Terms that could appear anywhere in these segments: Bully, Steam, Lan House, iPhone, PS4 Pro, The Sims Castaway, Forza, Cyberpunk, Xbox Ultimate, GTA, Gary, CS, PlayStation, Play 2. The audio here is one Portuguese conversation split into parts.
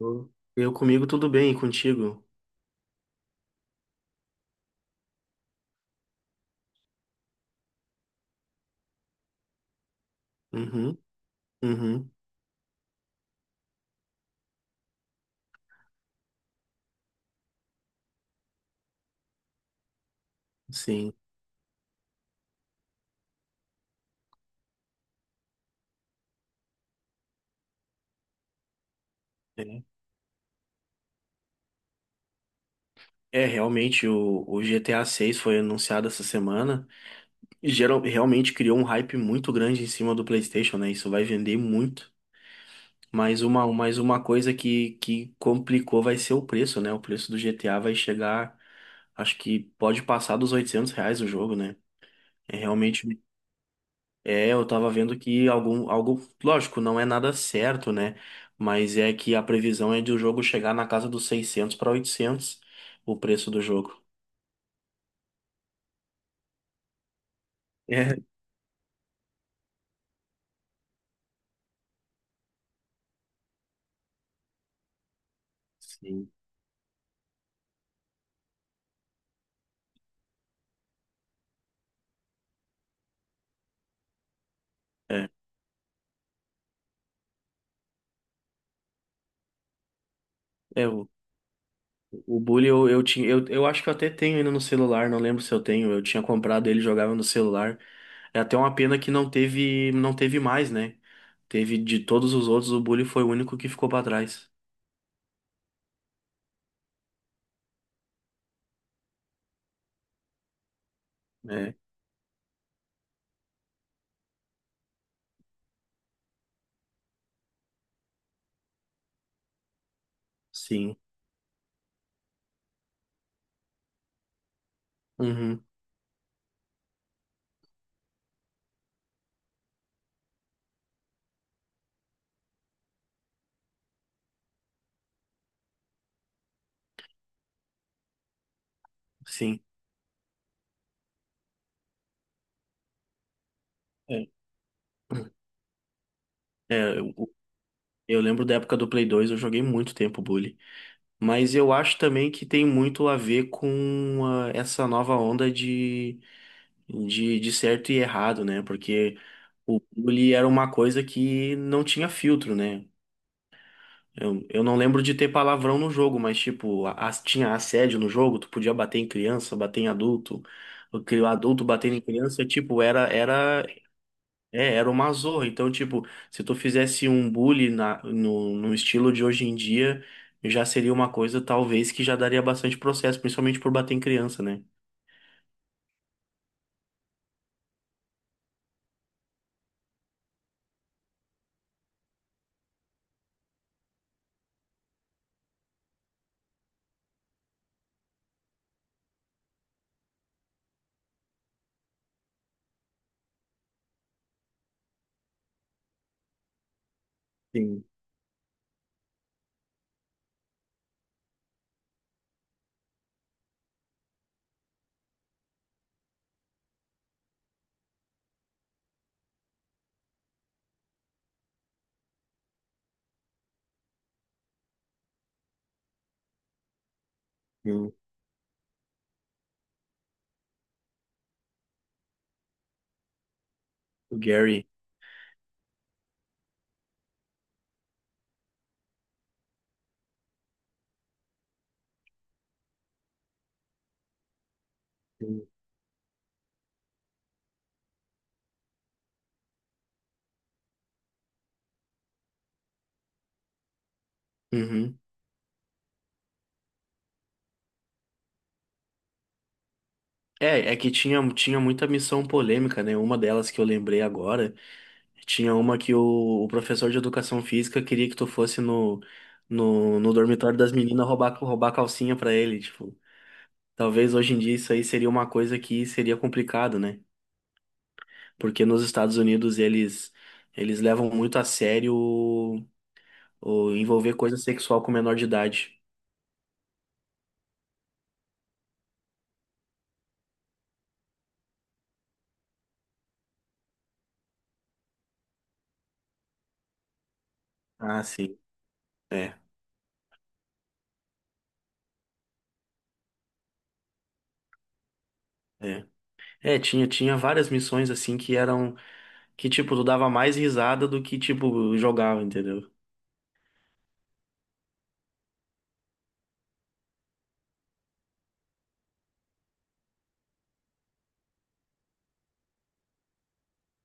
Eu comigo tudo bem, e contigo? Uhum, uhum, sim. É, é, realmente, o GTA 6 foi anunciado essa semana e geral, realmente criou um hype muito grande em cima do PlayStation, né? Isso vai vender muito. Mas uma coisa que complicou vai ser o preço, né? O preço do GTA vai chegar, acho que pode passar dos R$ 800 o jogo, né? É realmente. É, eu tava vendo que algo, lógico, não é nada certo, né? Mas é que a previsão é de o jogo chegar na casa dos 600 para 800 o preço do jogo. É, sim. É, o Bully eu tinha, eu acho que eu até tenho ainda no celular, não lembro se eu tenho, eu tinha comprado ele, jogava no celular. É até uma pena que não teve mais, né? Teve de todos os outros, o Bully foi o único que ficou pra trás. É, sim. Uhum, sim. É, é, eu lembro da época do Play 2, eu joguei muito tempo Bully. Mas eu acho também que tem muito a ver com essa nova onda de, de certo e errado, né? Porque o Bully era uma coisa que não tinha filtro, né? Eu não lembro de ter palavrão no jogo, mas tipo, tinha assédio no jogo, tu podia bater em criança, bater em adulto, o adulto batendo em criança, tipo, era uma zorra. Então, tipo, se tu fizesse um bullying na, no estilo de hoje em dia, já seria uma coisa, talvez, que já daria bastante processo, principalmente por bater em criança, né? Sim, sim. O Gary. Sim. Uhum. É, é que tinha muita missão polêmica, né? Uma delas que eu lembrei agora, tinha uma que o professor de educação física queria que tu fosse no dormitório das meninas roubar calcinha pra ele, tipo. Talvez hoje em dia isso aí seria uma coisa que seria complicado, né? Porque nos Estados Unidos eles levam muito a sério o envolver coisa sexual com menor de idade. Ah, sim. É, é. É, tinha várias missões assim que eram que tipo tu dava mais risada do que tipo jogava, entendeu?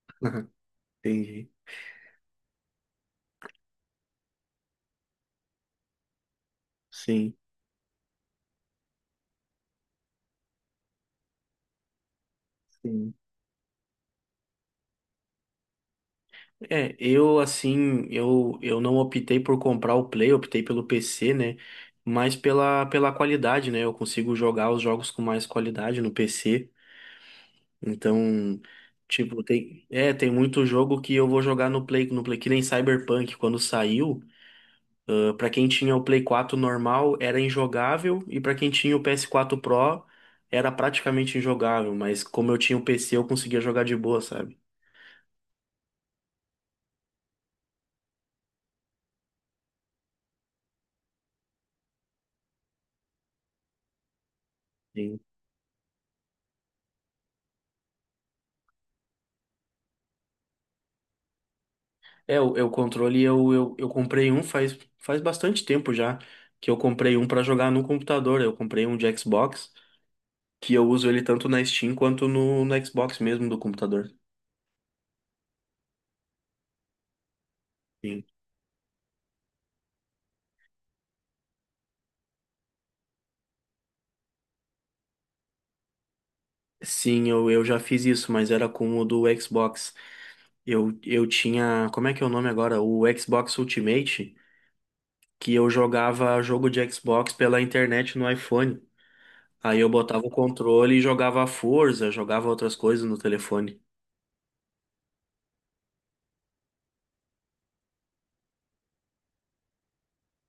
Entendi. Sim. Sim. É, eu assim, eu não optei por comprar o Play, optei pelo PC, né? Mas pela qualidade, né? Eu consigo jogar os jogos com mais qualidade no PC. Então, tipo, tem, é, tem muito jogo que eu vou jogar no Play, que nem Cyberpunk, quando saiu, ah, pra quem tinha o Play 4 normal, era injogável, e pra quem tinha o PS4 Pro, era praticamente injogável, mas como eu tinha o PC, eu conseguia jogar de boa, sabe? Sim. É, o controle eu comprei um faz bastante tempo já, que eu comprei um pra jogar no computador, eu comprei um de Xbox, que eu uso ele tanto na Steam quanto no, no Xbox mesmo do computador. Sim. Sim, eu já fiz isso, mas era com o do Xbox. Eu tinha. Como é que é o nome agora? O Xbox Ultimate, que eu jogava jogo de Xbox pela internet no iPhone. Aí eu botava o controle e jogava a Forza, jogava outras coisas no telefone.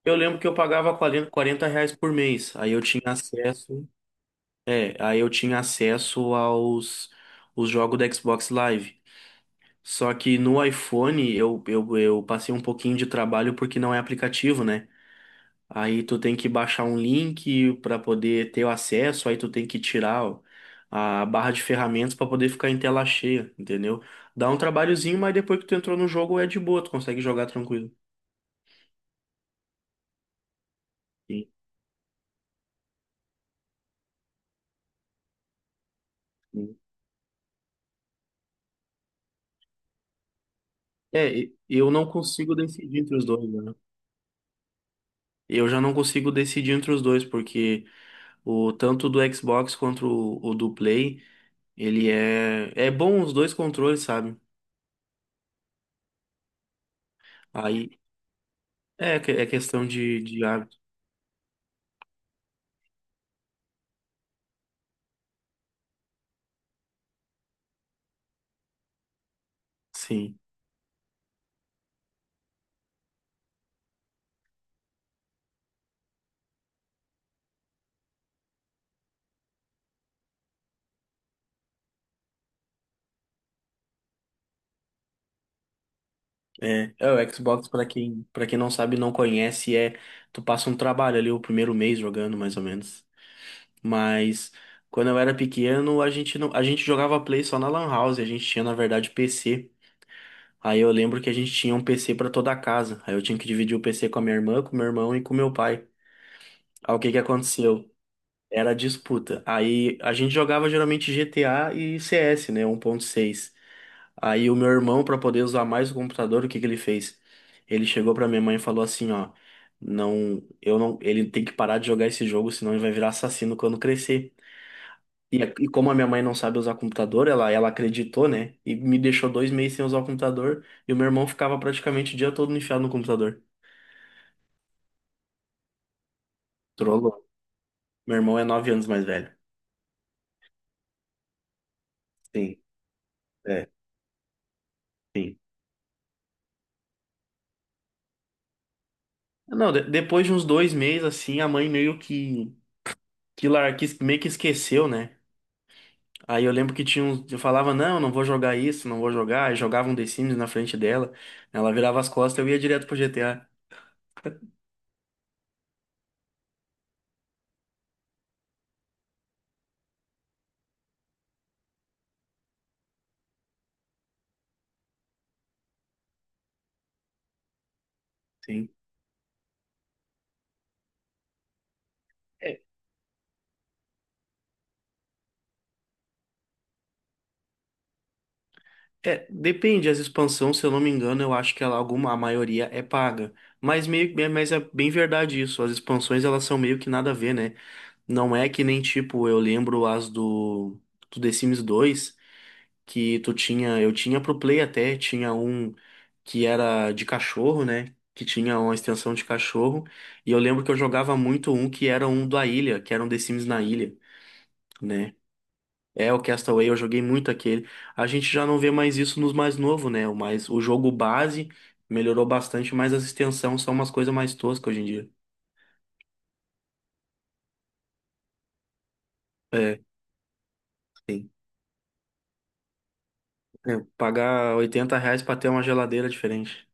Eu lembro que eu pagava R$ 40 por mês. Aí eu tinha acesso. É, aí eu tinha acesso aos os jogos do Xbox Live. Só que no iPhone eu passei um pouquinho de trabalho porque não é aplicativo, né? Aí tu tem que baixar um link para poder ter o acesso, aí tu tem que tirar a barra de ferramentas para poder ficar em tela cheia, entendeu? Dá um trabalhozinho, mas depois que tu entrou no jogo é de boa, tu consegue jogar tranquilo. Sim, sim. É, eu não consigo decidir entre os dois, né? Eu já não consigo decidir entre os dois, porque o tanto do Xbox quanto o do Play, ele é bom os dois controles, sabe? Aí é, é questão de hábito. Sim. É, é, o Xbox, para quem não sabe, não conhece, é tu passa um trabalho ali o primeiro mês jogando, mais ou menos. Mas quando eu era pequeno, a gente não, a gente jogava Play só na Lan House, a gente tinha na verdade PC. Aí eu lembro que a gente tinha um PC pra toda a casa. Aí eu tinha que dividir o PC com a minha irmã, com meu irmão e com meu pai. Aí o que que aconteceu? Era disputa. Aí a gente jogava geralmente GTA e CS, né, 1.6. Aí o meu irmão, para poder usar mais o computador, o que que ele fez? Ele chegou para minha mãe e falou assim, ó, não, eu não, ele tem que parar de jogar esse jogo, senão ele vai virar assassino quando crescer. E, e como a minha mãe não sabe usar computador, ela acreditou, né? E me deixou 2 meses sem usar o computador, e o meu irmão ficava praticamente o dia todo enfiado no computador. Trollou. Meu irmão é 9 anos mais velho. Sim, é, sim. Não, depois de uns 2 meses, assim, a mãe meio que, lar, que meio que esqueceu, né? Aí eu lembro que tinha uns, eu falava, não, não vou jogar isso, não vou jogar, e jogava um The Sims na frente dela, ela virava as costas, eu ia direto pro GTA. Sim. É, é, depende, as expansões, se eu não me engano, eu acho que a maioria é paga. Mas é bem verdade isso, as expansões elas são meio que nada a ver, né? Não é que nem tipo, eu lembro as do, do The Sims 2, que tu tinha, eu tinha pro Play até, tinha um. Que era de cachorro, né? Que tinha uma extensão de cachorro. E eu lembro que eu jogava muito um que era um da ilha, que era um The Sims na ilha, né? É o Castaway, eu joguei muito aquele. A gente já não vê mais isso nos mais novos, né? O mais, o jogo base melhorou bastante, mas as extensões são umas coisas mais toscas hoje em dia. É, sim. É, pagar R$ 80 pra ter uma geladeira diferente.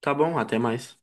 Tá bom, até mais.